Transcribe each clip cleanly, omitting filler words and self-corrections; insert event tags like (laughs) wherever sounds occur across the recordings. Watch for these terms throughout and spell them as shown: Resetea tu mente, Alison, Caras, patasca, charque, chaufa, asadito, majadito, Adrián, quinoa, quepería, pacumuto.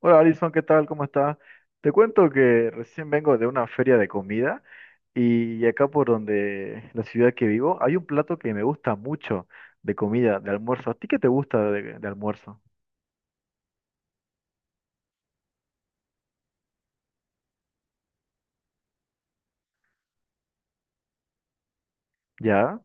Hola Alison, ¿qué tal? ¿Cómo estás? Te cuento que recién vengo de una feria de comida y acá por donde la ciudad que vivo hay un plato que me gusta mucho de comida, de almuerzo. ¿A ti qué te gusta de almuerzo? ¿Ya?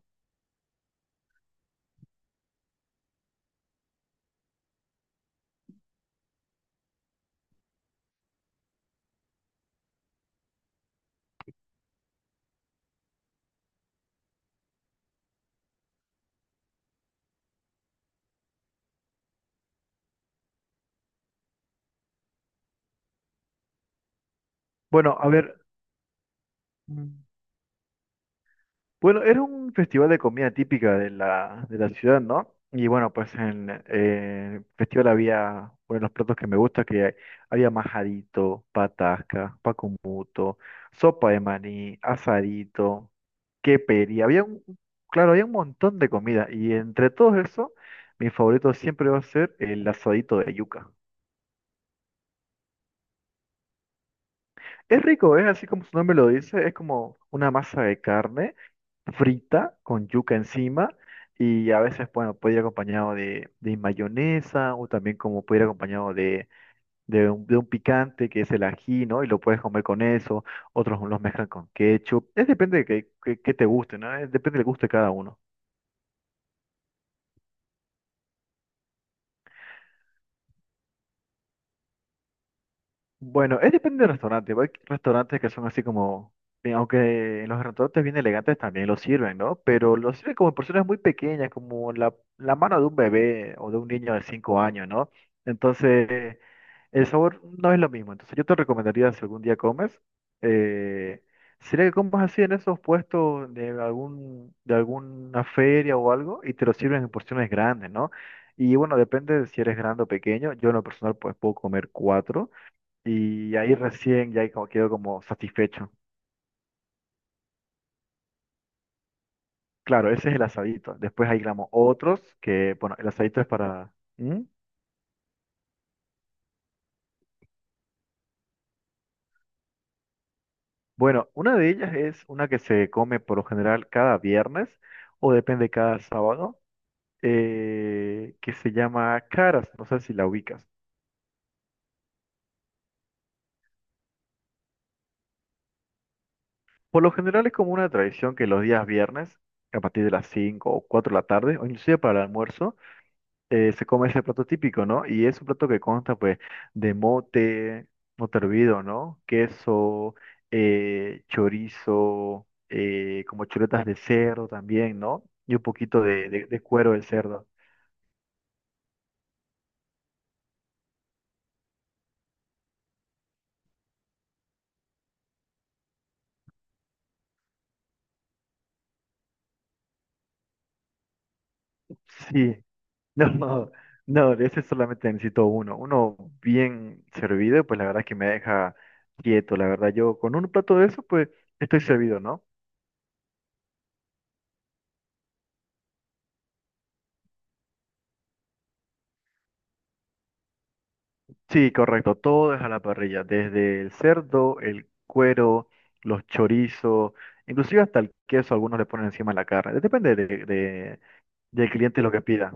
Bueno, a ver. mm, Bueno, era un festival de comida típica de la ciudad, ¿no? Y bueno, pues en el festival había uno de los platos que me gusta, que había majadito, patasca, pacumuto, sopa de maní, asadito, quepería. Claro, había un montón de comida. Y entre todos eso, mi favorito siempre va a ser el asadito de yuca. Es rico, es así como su nombre lo dice, es como una masa de carne frita con yuca encima y a veces, bueno, puede ir acompañado de mayonesa o también como puede ir acompañado de, de un picante que es el ají, ¿no? Y lo puedes comer con eso, otros los mezclan con ketchup, es depende de que, que te guste, ¿no? Es depende del gusto de cada uno. Bueno, es depende del restaurante, porque hay restaurantes que son así como... Aunque en los restaurantes bien elegantes también lo sirven, ¿no? Pero lo sirven como en porciones muy pequeñas, como la mano de un bebé o de un niño de 5 años, ¿no? Entonces, el sabor no es lo mismo, entonces yo te recomendaría si algún día comes, eh, sería que comas así en esos puestos de algún, de alguna feria o algo y te lo sirven en porciones grandes, ¿no? Y bueno, depende de si eres grande o pequeño, yo en lo personal pues puedo comer cuatro y ahí recién ya quedo como satisfecho. Claro, ese es el asadito, después hay digamos otros que, bueno, el asadito es para... ¿Mm? Bueno, una de ellas es una que se come por lo general cada viernes o depende cada sábado que se llama Caras, no sé si la ubicas. Por lo general es como una tradición que los días viernes, a partir de las 5:00 o 4:00 de la tarde, o inclusive para el almuerzo, se come ese plato típico, ¿no? Y es un plato que consta pues de mote, mote hervido, ¿no? Queso, chorizo, como chuletas de cerdo también, ¿no? Y un poquito de, de cuero del cerdo. Sí. (laughs) No, no, de ese solamente necesito uno. Uno bien servido, pues la verdad es que me deja quieto, la verdad. Yo con un plato de eso, pues estoy servido, ¿no? Sí, correcto, todo es a la parrilla, desde el cerdo, el cuero, los chorizos, inclusive hasta el queso, algunos le ponen encima de la carne. Depende del cliente lo que pida.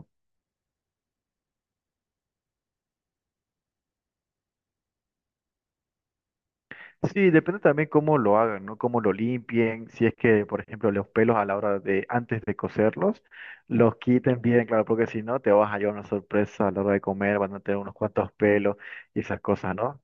Sí, depende también cómo lo hagan, ¿no? Cómo lo limpien, si es que, por ejemplo, los pelos a la hora de, antes de cocerlos, los quiten bien, claro, porque si no, te vas a llevar una sorpresa a la hora de comer, van a tener unos cuantos pelos y esas cosas, ¿no?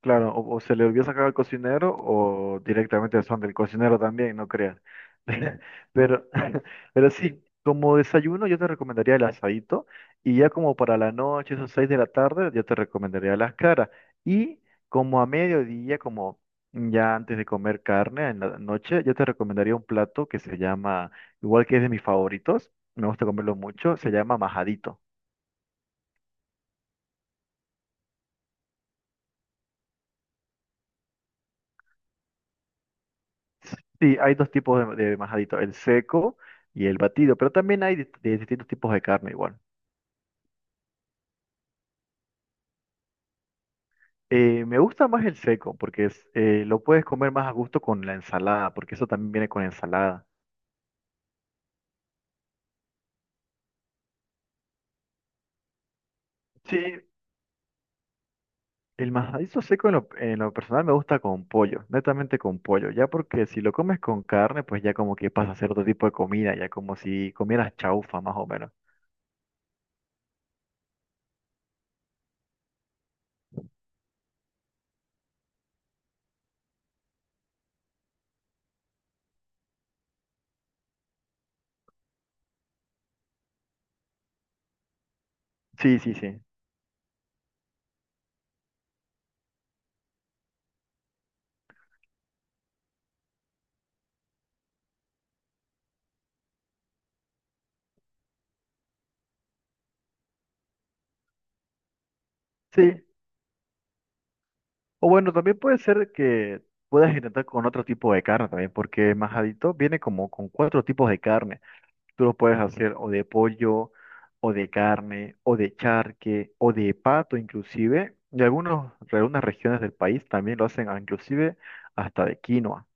Claro, o se le olvidó sacar al cocinero o directamente son del cocinero también, no creas. (laughs) Pero, (laughs) pero sí, como desayuno yo te recomendaría el asadito y ya como para la noche, esas 6:00 de la tarde, yo te recomendaría las caras. Y como a mediodía, como ya antes de comer carne en la noche, yo te recomendaría un plato que se llama, igual que es de mis favoritos, me gusta comerlo mucho, se llama majadito. Sí, hay dos tipos de majadito, el seco y el batido, pero también hay de distintos tipos de carne igual. Me gusta más el seco porque es, lo puedes comer más a gusto con la ensalada, porque eso también viene con ensalada. Sí, el majadito seco en lo personal me gusta con pollo, netamente con pollo, ya porque si lo comes con carne, pues ya como que pasa a ser otro tipo de comida, ya como si comieras chaufa más o menos. Sí, sí, sí. Sí, o bueno, también puede ser que puedas intentar con otro tipo de carne también, porque majadito viene como con cuatro tipos de carne. Tú lo puedes hacer o de pollo, o de carne, o de charque, o de pato inclusive. Y algunas regiones del país también lo hacen inclusive hasta de quinoa.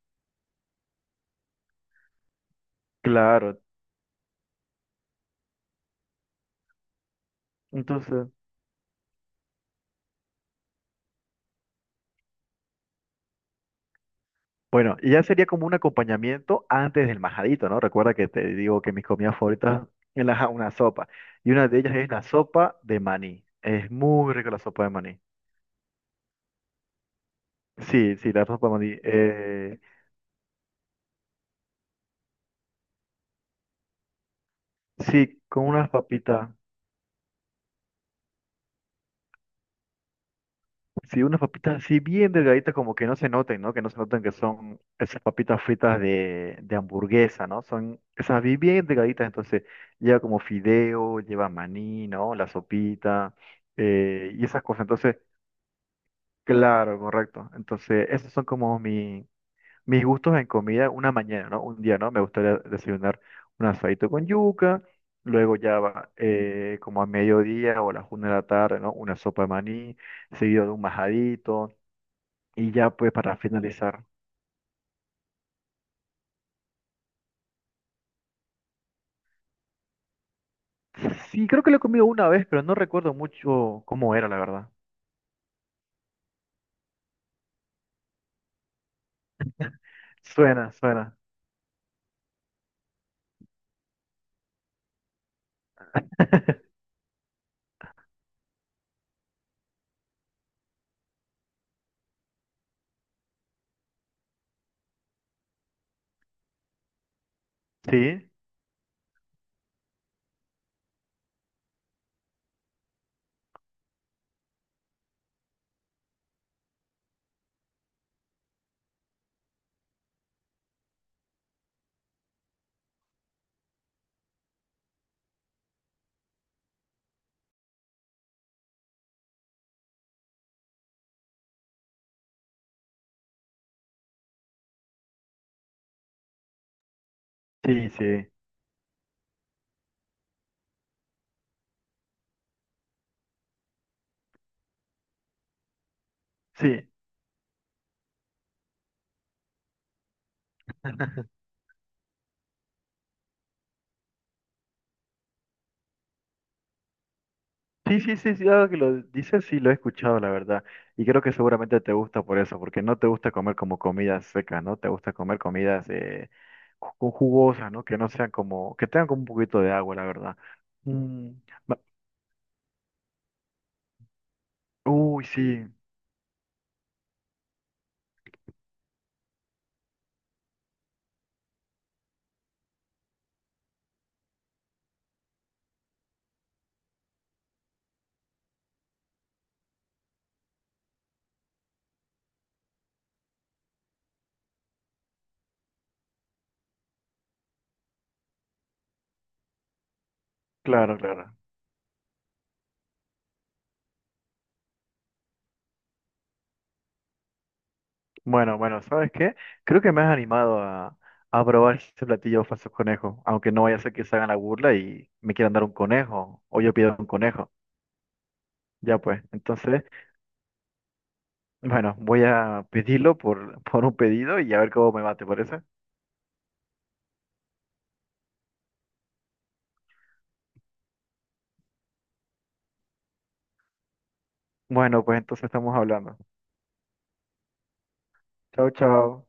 Claro. Entonces, bueno, y ya sería como un acompañamiento antes del majadito, ¿no? Recuerda que te digo que mis comidas favoritas es una sopa. Y una de ellas es la sopa de maní. Es muy rica la sopa de maní. Sí, sí, la sopa de maní. Sí, con unas papitas. Sí, unas papitas así bien delgaditas, como que no se noten, ¿no? Que no se noten que son esas papitas fritas de hamburguesa, ¿no? Son esas bien delgaditas, entonces lleva como fideo, lleva maní, ¿no? La sopita y esas cosas. Entonces. Claro, correcto. Entonces, esos son como mis gustos en comida una mañana, ¿no? Un día, ¿no? Me gustaría desayunar un asadito con yuca, luego ya va como a mediodía o a las 1:00 de la tarde, ¿no? Una sopa de maní, seguido de un majadito, y ya pues para finalizar. Sí, creo que lo he comido una vez, pero no recuerdo mucho cómo era, la verdad. Suena, suena. (laughs) Sí, sí, sí, sí. (laughs) Sí, sí, sí, sí, ahora que lo dices, sí, lo he escuchado, la verdad. Y creo que seguramente te gusta por eso, porque no te gusta comer como comidas secas, ¿no? Te gusta comer comidas jugosas, ¿no? Que no sean como, que tengan como un poquito de agua, la verdad. Mm, ma- uy, sí, claro, claro. Bueno, bueno, ¿sabes qué? Creo que me has animado a probar este platillo falso conejo, aunque no vaya a ser que se hagan la burla y me quieran dar un conejo, o yo pido un conejo. Ya pues, entonces... Bueno, voy a pedirlo por, (laughs) por un pedido y a ver cómo me va, ¿te parece? Bueno, pues entonces estamos hablando. Chao, chao.